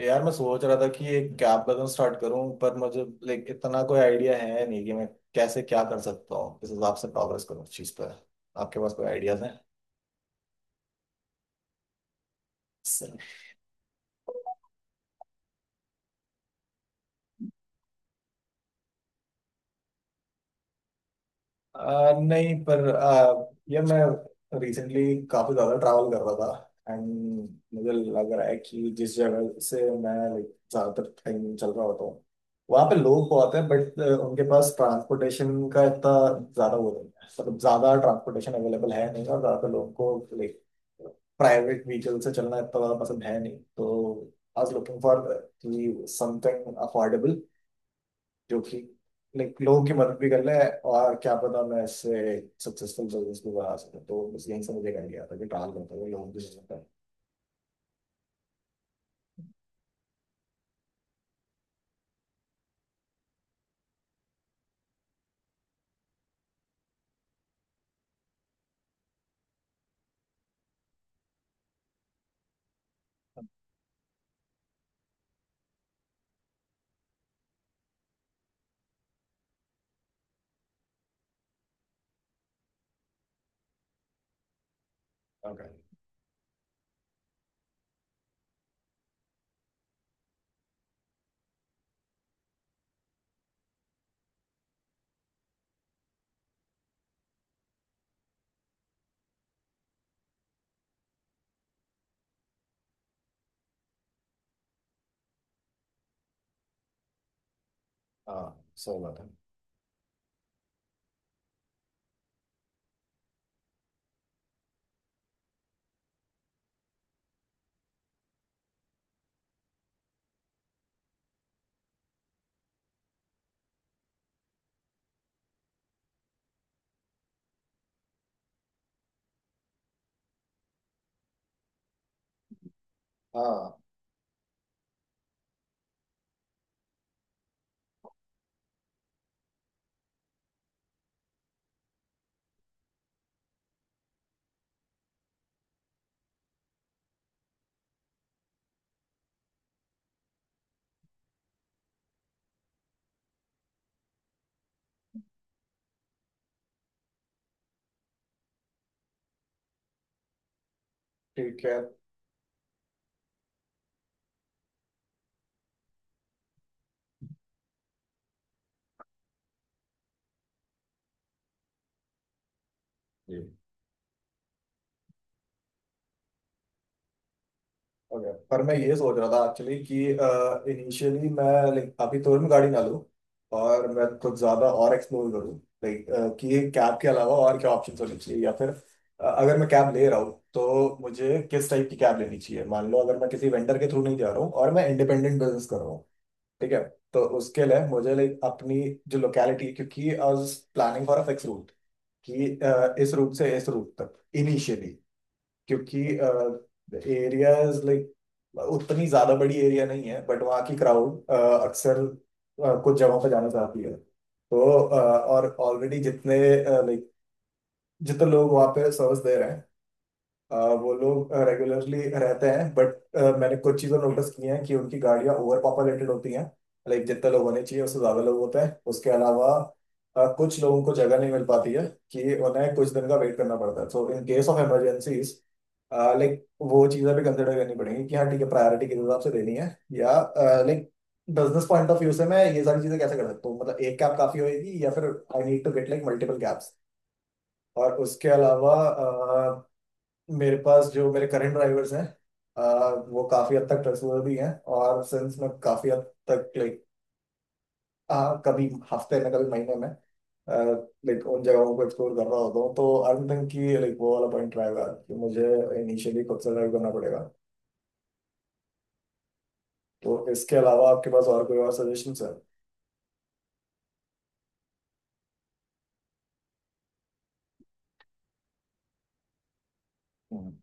यार मैं सोच रहा था कि एक कैब बिजनेस स्टार्ट करूं पर मुझे लाइक इतना कोई आइडिया है नहीं कि मैं कैसे क्या कर सकता हूँ किस हिसाब से प्रोग्रेस करूँ उस चीज़ पर। आपके पास कोई आइडियाज हैं? नहीं पर ये मैं रिसेंटली काफी ज्यादा ट्रैवल कर रहा था एंड मुझे लग रहा है कि जिस जगह से मैं लाइक ज्यादातर टाइम चल रहा होता हूँ वहाँ पे लोग बहुत हैं बट उनके पास ट्रांसपोर्टेशन का इतना ज्यादा वो नहीं है। मतलब ज्यादा ट्रांसपोर्टेशन अवेलेबल है नहीं, और ज्यादातर लोगों को लाइक प्राइवेट व्हीकल से चलना इतना ज्यादा पसंद है नहीं, तो I was looking for something affordable जो कि लाइक लोगों की मदद भी कर ले, और क्या पता मैं इससे सक्सेसफुल बिजनेस भी बना सकूं। तो बस यहीं से मुझे आइडिया आता है कि ट्रैवल करते हुए लोगों की मदद करना। ओके। हाँ सही बात है। हाँ। ठीक है। जी। ओके, पर मैं ये सोच रहा था एक्चुअली कि इनिशियली मैं लाइक अभी तुरंत गाड़ी ना लूँ, और मैं कुछ ज़्यादा और एक्सप्लोर करूँ, लाइक कि कैब के अलावा और क्या ऑप्शन होने चाहिए। या फिर अगर मैं कैब ले रहा हूँ तो मुझे किस टाइप की कैब लेनी चाहिए? मान लो अगर मैं किसी वेंडर के थ्रू नहीं जा रहा हूँ और मैं इंडिपेंडेंट बिजनेस कर रहा हूँ, ठीक है, तो उसके लिए मुझे लाइक अपनी जो लोकेलिटी, क्योंकि I was planning for a fix route कि इस रूट से इस रूट तक इनिशियली, क्योंकि एरियाज लाइक उतनी ज्यादा बड़ी एरिया नहीं है बट वहाँ की क्राउड अक्सर कुछ जगहों पर जाना चाहती है, तो और ऑलरेडी जितने लाइक जितने लोग वहाँ पे सर्विस दे रहे हैं, वो लोग रेगुलरली रहते हैं, बट मैंने कुछ चीज़ें नोटिस की हैं कि उनकी गाड़ियाँ ओवर पॉपुलेटेड होती हैं, लाइक जितने लोग होने चाहिए उससे ज़्यादा लोग होते हैं। उसके अलावा कुछ लोगों को जगह नहीं मिल पाती है, कि उन्हें कुछ दिन का वेट करना पड़ता है। So in case of emergencies, like वो चीज़ें भी कंसिडर करनी पड़ेंगी कि हाँ ठीक है, प्रायोरिटी किस हिसाब से देनी है, या like business point of view से मैं ये सारी चीज़ें कैसे कर सकता हूँ? मतलब एक कैब काफ़ी होगी या फिर I need to get like multiple cabs? और उसके अलावा, मेरे पास जो मेरे करंट ड्राइवर्स हैं वो काफी हद तक ट्रस्टवर्दी हैं। और सिंस मैं काफी हद तक लाइक, हाँ, कभी हफ्ते में कभी महीने में लाइक उन जगहों को एक्सप्लोर कर रहा होता हूँ, तो आई डोंट थिंक कि लाइक वो वाला पॉइंट रहेगा कि मुझे इनिशियली खुद से ड्राइव करना पड़ेगा। तो इसके अलावा आपके पास और कोई और सजेशन है? हम्म।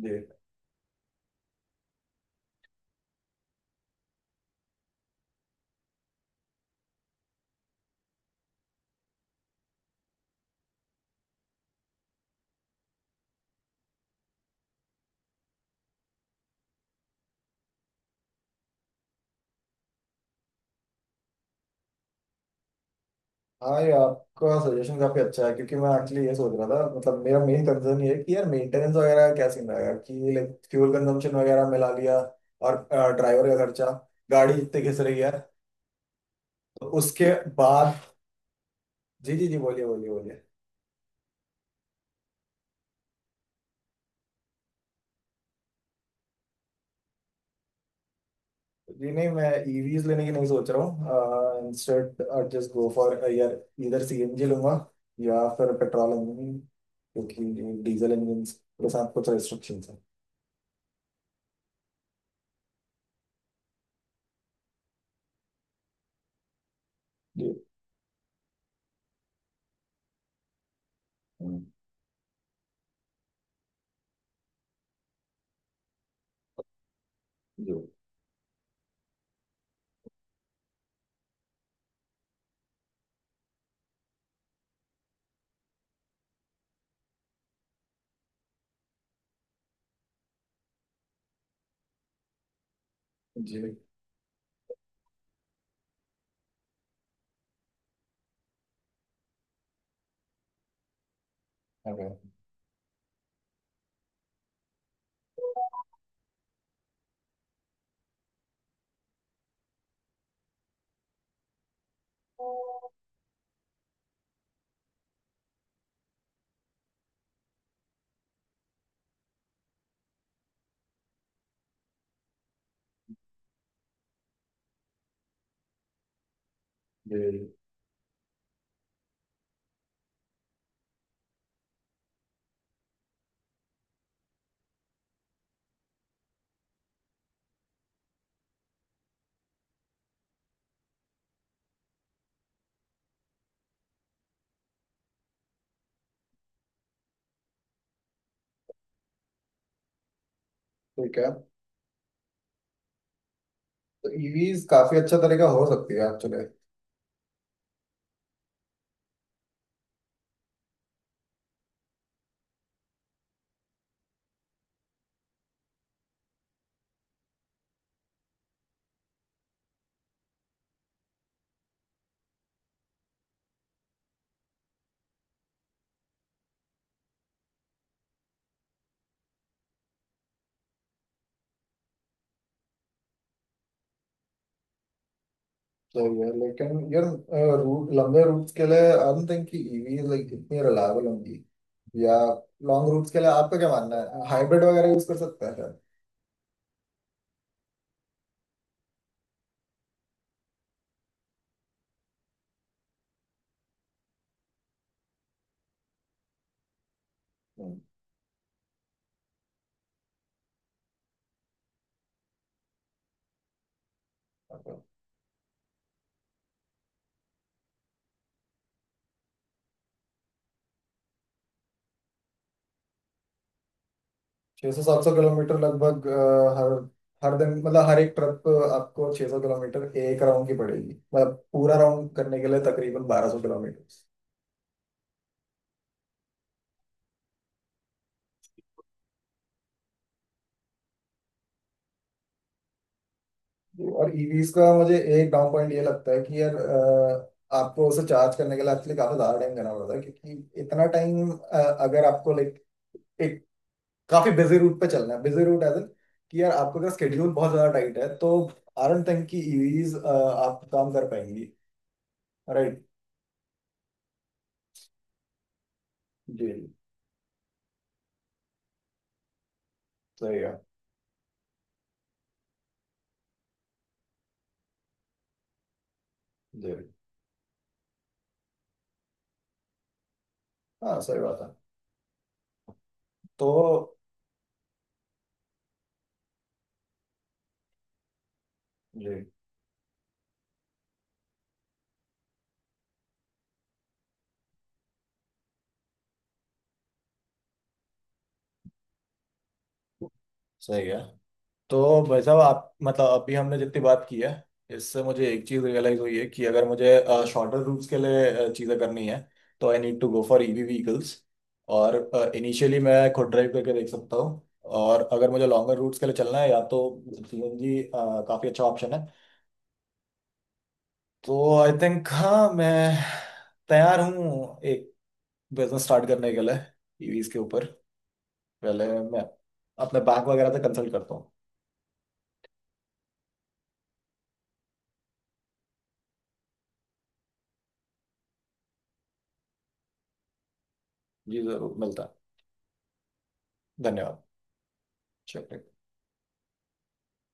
जी। हाँ, ये आपका सजेशन काफी अच्छा है, क्योंकि मैं एक्चुअली ये सोच रहा था। मतलब मेरा मेन कंसर्न ये है कि यार मेंटेनेंस वगैरह का क्या सीन रहेगा, कि लाइक फ्यूल कंजम्पशन वगैरह मिला लिया और ड्राइवर का खर्चा, गाड़ी जितने घिस रही है, तो उसके बाद। जी जी जी, बोलिए बोलिए बोलिए। जी नहीं, मैं ईवीज लेने की नहीं सोच रहा हूँ। Instead I just go for यार इधर सीएनजी लूंगा, या फिर पेट्रोल इंजन, क्योंकि डीजल इंजन के साथ कुछ रिस्ट्रिक्शन है। जी। हम्म, जी जी, हाँ, हाँ, जी। ठीक है, तो ईवीज काफी अच्छा तरीका हो सकती है एक्चुअली। तो ये लेकिन यार रूट, लंबे रूट्स के लिए आई डोंट थिंक कि ईवीज लाइक इतनी रिलायबल होंगी, या लॉन्ग रूट्स के लिए आपका क्या मानना है, हाइब्रिड वगैरह यूज कर सकते हैं शायद? 600-700 किलोमीटर लगभग हर हर दिन, मतलब हर एक ट्रिप आपको 600 किलोमीटर एक राउंड की पड़ेगी। मतलब पूरा राउंड करने के लिए तकरीबन 1200 किलोमीटर। और ईवीज का मुझे एक डाउन पॉइंट ये लगता है कि यार आपको उसे चार्ज करने के लिए एक्चुअली काफी ज्यादा टाइम देना पड़ता है, क्योंकि इतना टाइम अगर आपको लाइक एक काफी बिजी रूट पे चलना है, बिजी रूट एज एन, कि यार आपको अगर स्केड्यूल बहुत ज्यादा टाइट है तो आई डोंट थिंक कि ईवीज आप काम कर पाएंगी। राइट। जी। सही है। जी। हाँ सही बात है। तो जी। सही है। तो भाई साहब आप, मतलब अभी हमने जितनी बात की है, इससे मुझे एक चीज रियलाइज हुई है कि अगर मुझे शॉर्टर रूट्स के लिए चीजें करनी है, तो I need to go for EV vehicles, और इनिशियली मैं खुद ड्राइव करके देख सकता हूँ। और अगर मुझे लॉन्गर रूट्स के लिए चलना है या तो सीएनजी काफी अच्छा ऑप्शन है। तो आई थिंक हाँ, मैं तैयार हूँ एक बिजनेस स्टार्ट करने के लिए ईवीज के ऊपर। पहले मैं अपने बैंक वगैरह से कंसल्ट करता हूँ। जी जरूर, मिलता है, धन्यवाद। चलिए।